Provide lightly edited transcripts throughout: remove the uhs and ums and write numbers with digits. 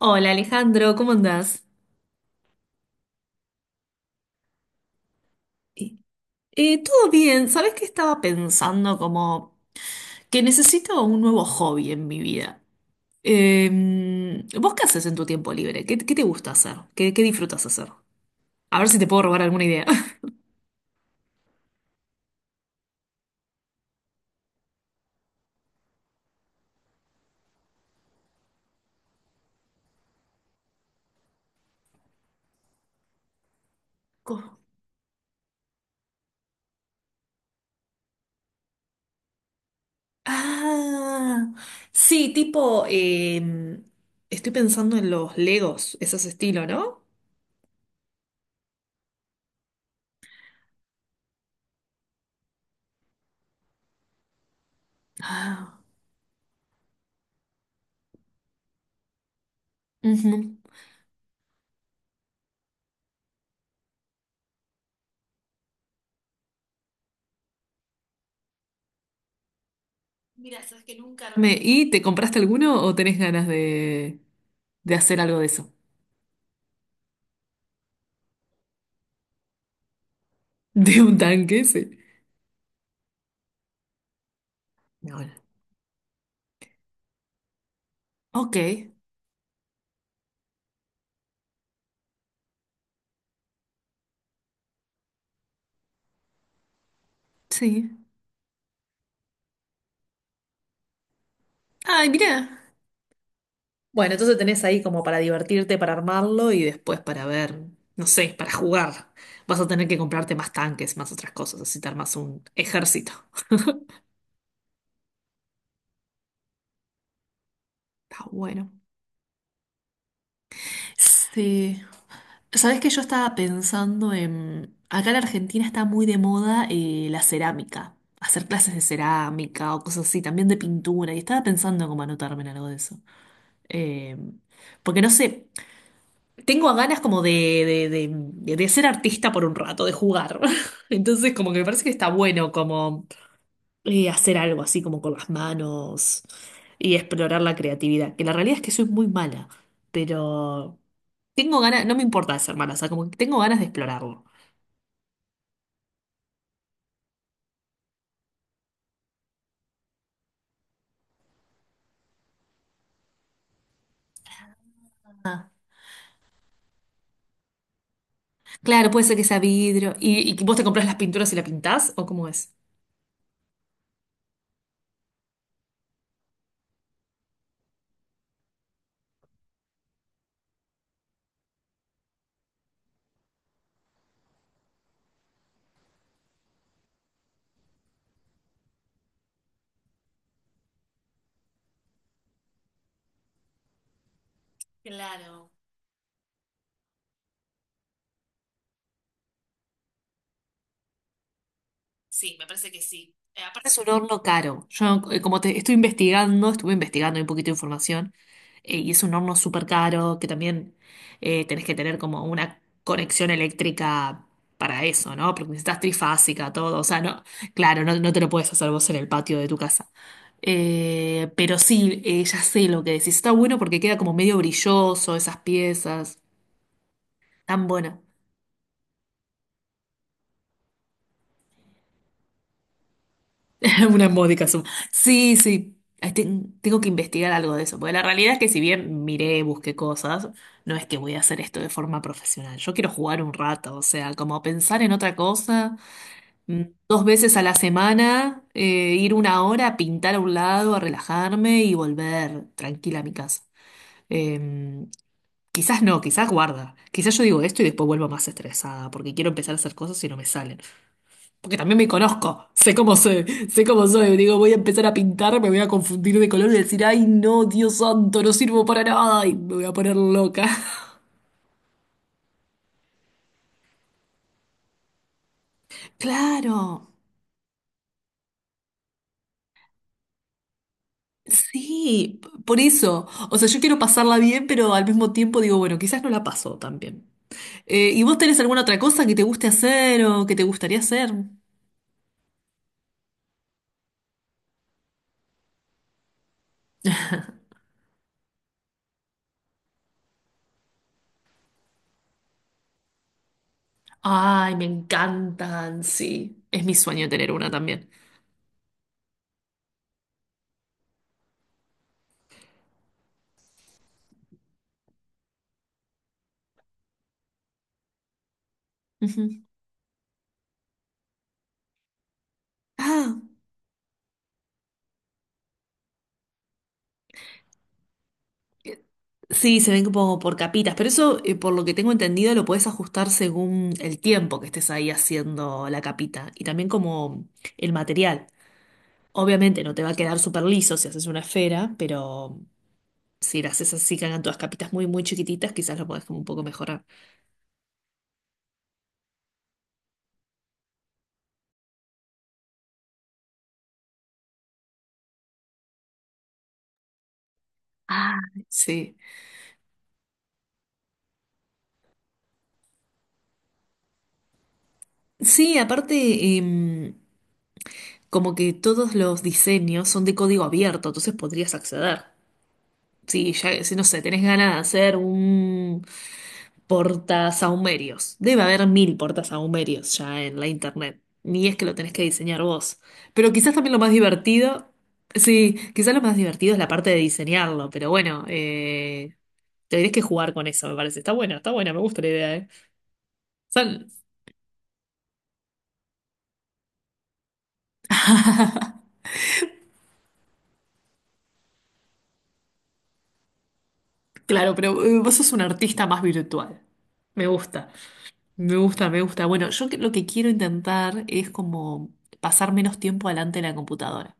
Hola Alejandro, ¿cómo andás? Eh, todo bien, ¿sabés qué estaba pensando? Como que necesito un nuevo hobby en mi vida. Eh, ¿Vos qué haces en tu tiempo libre? ¿Qué te gusta hacer? ¿Qué disfrutas hacer? A ver si te puedo robar alguna idea. Co- Ah, sí, tipo, estoy pensando en los Legos, ese es estilo, ¿no? Ah, ujú. Mira, Carmen, ¿y te compraste alguno o tenés ganas de hacer algo de eso? De un tanque, sí. Bueno, ok, sí. Ay, mirá. Bueno, entonces tenés ahí como para divertirte, para armarlo y después para ver, no sé, para jugar. Vas a tener que comprarte más tanques, más otras cosas, así te armas un ejército. Está bueno. Sí. Sabés que yo estaba pensando en. Acá en Argentina está muy de moda la cerámica. Hacer clases de cerámica o cosas así, también de pintura. Y estaba pensando en cómo anotarme en algo de eso. Eh, porque no sé. Tengo ganas como de ser artista por un rato, de jugar. Entonces, como que me parece que está bueno como hacer algo así como con las manos y explorar la creatividad. Que la realidad es que soy muy mala, pero tengo ganas, no me importa de ser mala, o sea, como que tengo ganas de explorarlo. Ah. Claro, puede ser que sea vidrio. Y vos te compras las pinturas y la pintás? ¿O cómo es? Claro. Sí, me parece que sí. Aparte, es un horno caro. Yo, como te estoy investigando, estuve investigando un poquito de información, y es un horno súper caro, que también tenés que tener como una conexión eléctrica para eso, ¿no? Porque necesitas trifásica, todo. O sea, no, claro, no, no te lo puedes hacer vos en el patio de tu casa. Pero sí, ya sé lo que decís. Está bueno porque queda como medio brilloso esas piezas. Tan bueno. Una módica suma. Sí, sí. Ay, tengo que investigar algo de eso, porque la realidad es que si bien miré, busqué cosas, no es que voy a hacer esto de forma profesional. Yo quiero jugar un rato, o sea, como pensar en otra cosa, mm, dos veces a la semana, ir una hora a pintar a un lado, a relajarme y volver tranquila a mi casa. Eh, quizás no, quizás guarda. Quizás yo digo esto y después vuelvo más estresada, porque quiero empezar a hacer cosas y no me salen. Porque también me conozco, sé cómo soy. Digo, voy a empezar a pintar, me voy a confundir de color y decir, ay, no, Dios santo, no sirvo para nada y me voy a poner loca. Claro, sí, por eso. O sea, yo quiero pasarla bien, pero al mismo tiempo digo, bueno, quizás no la paso tan bien. ¿Y vos tenés alguna otra cosa que te guste hacer o que te gustaría hacer? Ay, me encantan, sí. Es mi sueño tener una también. Ujú. Ah. Sí, se ven como por capitas, pero eso, por lo que tengo entendido, lo puedes ajustar según el tiempo que estés ahí haciendo la capita y también como el material. Obviamente no te va a quedar súper liso si haces una esfera, pero si la haces así, que hagan todas capitas muy, muy chiquititas, quizás lo puedes como un poco mejorar. Ah, sí. Sí, aparte, em, como que todos los diseños son de código abierto, entonces podrías acceder. Sí, ya, si no sé, tenés ganas de hacer un portasahumerios. Debe haber mil portasahumerios ya en la internet. Ni es que lo tenés que diseñar vos. Pero quizás también lo más divertido. Sí, quizás lo más divertido es la parte de diseñarlo. Pero bueno, tendrías que jugar con eso, me parece. Está buena, me gusta la idea, ¿eh? Son- claro, pero vos sos un artista más virtual. Me gusta, me gusta, me gusta. Bueno, lo que quiero intentar es como pasar menos tiempo delante de la computadora.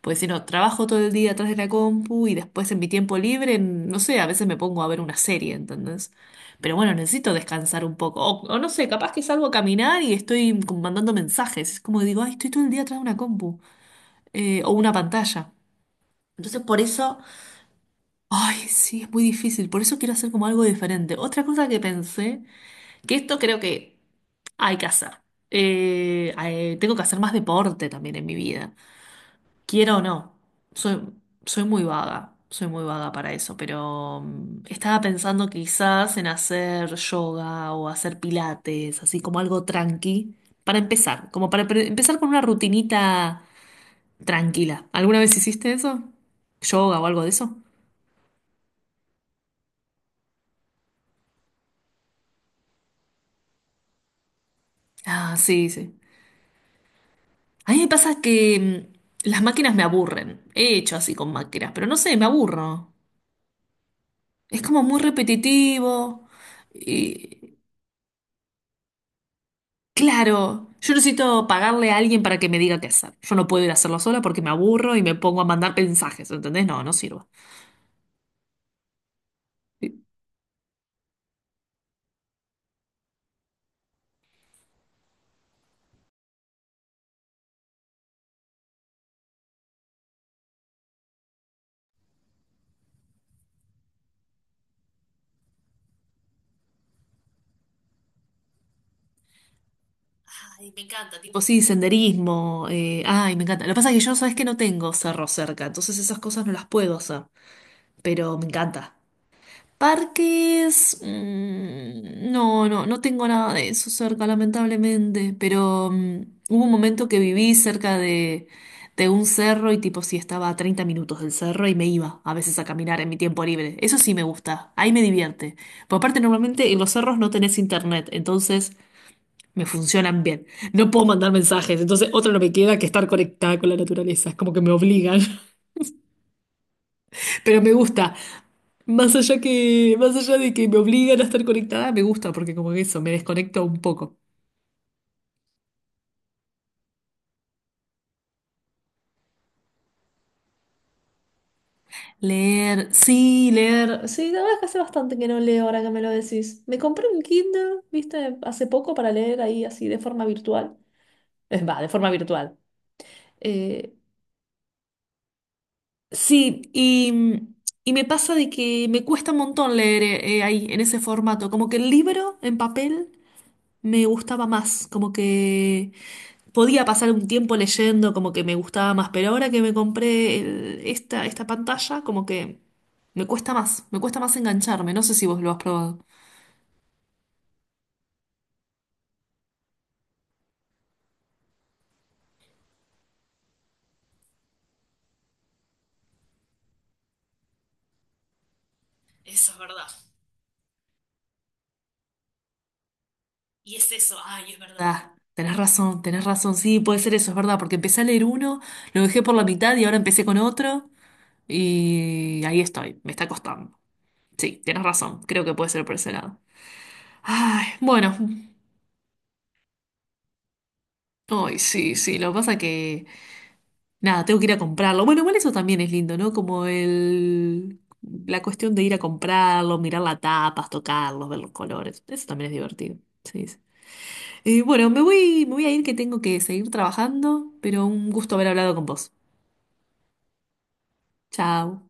Pues si no, trabajo todo el día atrás de la compu y después en mi tiempo libre, no sé, a veces me pongo a ver una serie, ¿entendés? Pero bueno, necesito descansar un poco. O no sé, capaz que salgo a caminar y estoy como mandando mensajes. Es como que digo, ay, estoy todo el día atrás de una compu o una pantalla. Entonces por eso, ay, sí, es muy difícil. Por eso quiero hacer como algo diferente. Otra cosa que pensé, que esto creo que hay que hacer. Tengo que hacer más deporte también en mi vida. Quiero o no, soy, soy muy vaga para eso, pero mm, estaba pensando quizás en hacer yoga o hacer pilates, así como algo tranqui, para empezar, como para empezar con una rutinita tranquila. ¿Alguna vez hiciste eso? ¿Yoga o algo de eso? Ah, sí, sí. A mí me pasa que mm, las máquinas me aburren. He hecho así con máquinas, pero no sé, me aburro. Es como muy repetitivo. Claro, yo necesito pagarle a alguien para que me diga qué hacer. Yo no puedo ir a hacerlo sola porque me aburro y me pongo a mandar mensajes, ¿entendés? No, no sirvo. Ay, me encanta, tipo, sí, senderismo, ay, me encanta. Lo que pasa es que yo, sabes que no tengo cerro cerca, entonces esas cosas no las puedo hacer, pero me encanta. Parques, mm, no, no, no tengo nada de eso cerca, lamentablemente, pero mm, hubo un momento que viví cerca de un cerro y tipo sí estaba a 30 minutos del cerro y me iba a veces a caminar en mi tiempo libre. Eso sí me gusta, ahí me divierte. Por aparte, normalmente en los cerros no tenés internet, entonces me funcionan bien. No puedo mandar mensajes, entonces otra no me queda que estar conectada con la naturaleza, es como que me obligan, pero me gusta. Más allá de que me obligan a estar conectada, me gusta porque como que eso, me desconecto un poco. Leer. Sí, la verdad es que hace bastante que no leo ahora que me lo decís. Me compré un Kindle, viste, hace poco para leer ahí así de forma virtual. Es va, de forma virtual. Eh, Sí, y me pasa de que me cuesta un montón leer ahí en ese formato. Como que el libro en papel me gustaba más. Como que podía pasar un tiempo leyendo, como que me gustaba más, pero ahora que me compré esta pantalla, como que me cuesta más engancharme. No sé si vos lo has probado. Eso es verdad. Y es eso, ay, es verdad. Ah, tenés razón, tenés razón, sí, puede ser eso, es verdad, porque empecé a leer uno, lo dejé por la mitad y ahora empecé con otro y ahí estoy, me está costando. Sí, tenés razón, creo que puede ser por ese lado. Ay, bueno, ay, sí, sí, lo que pasa que nada, tengo que ir a comprarlo. Bueno, igual eso también es lindo, ¿no? Como el, la cuestión de ir a comprarlo, mirar las tapas, tocarlos, ver los colores. Eso también es divertido. Sí, sí. Bueno, me voy a ir que tengo que seguir trabajando, pero un gusto haber hablado con vos. Chao.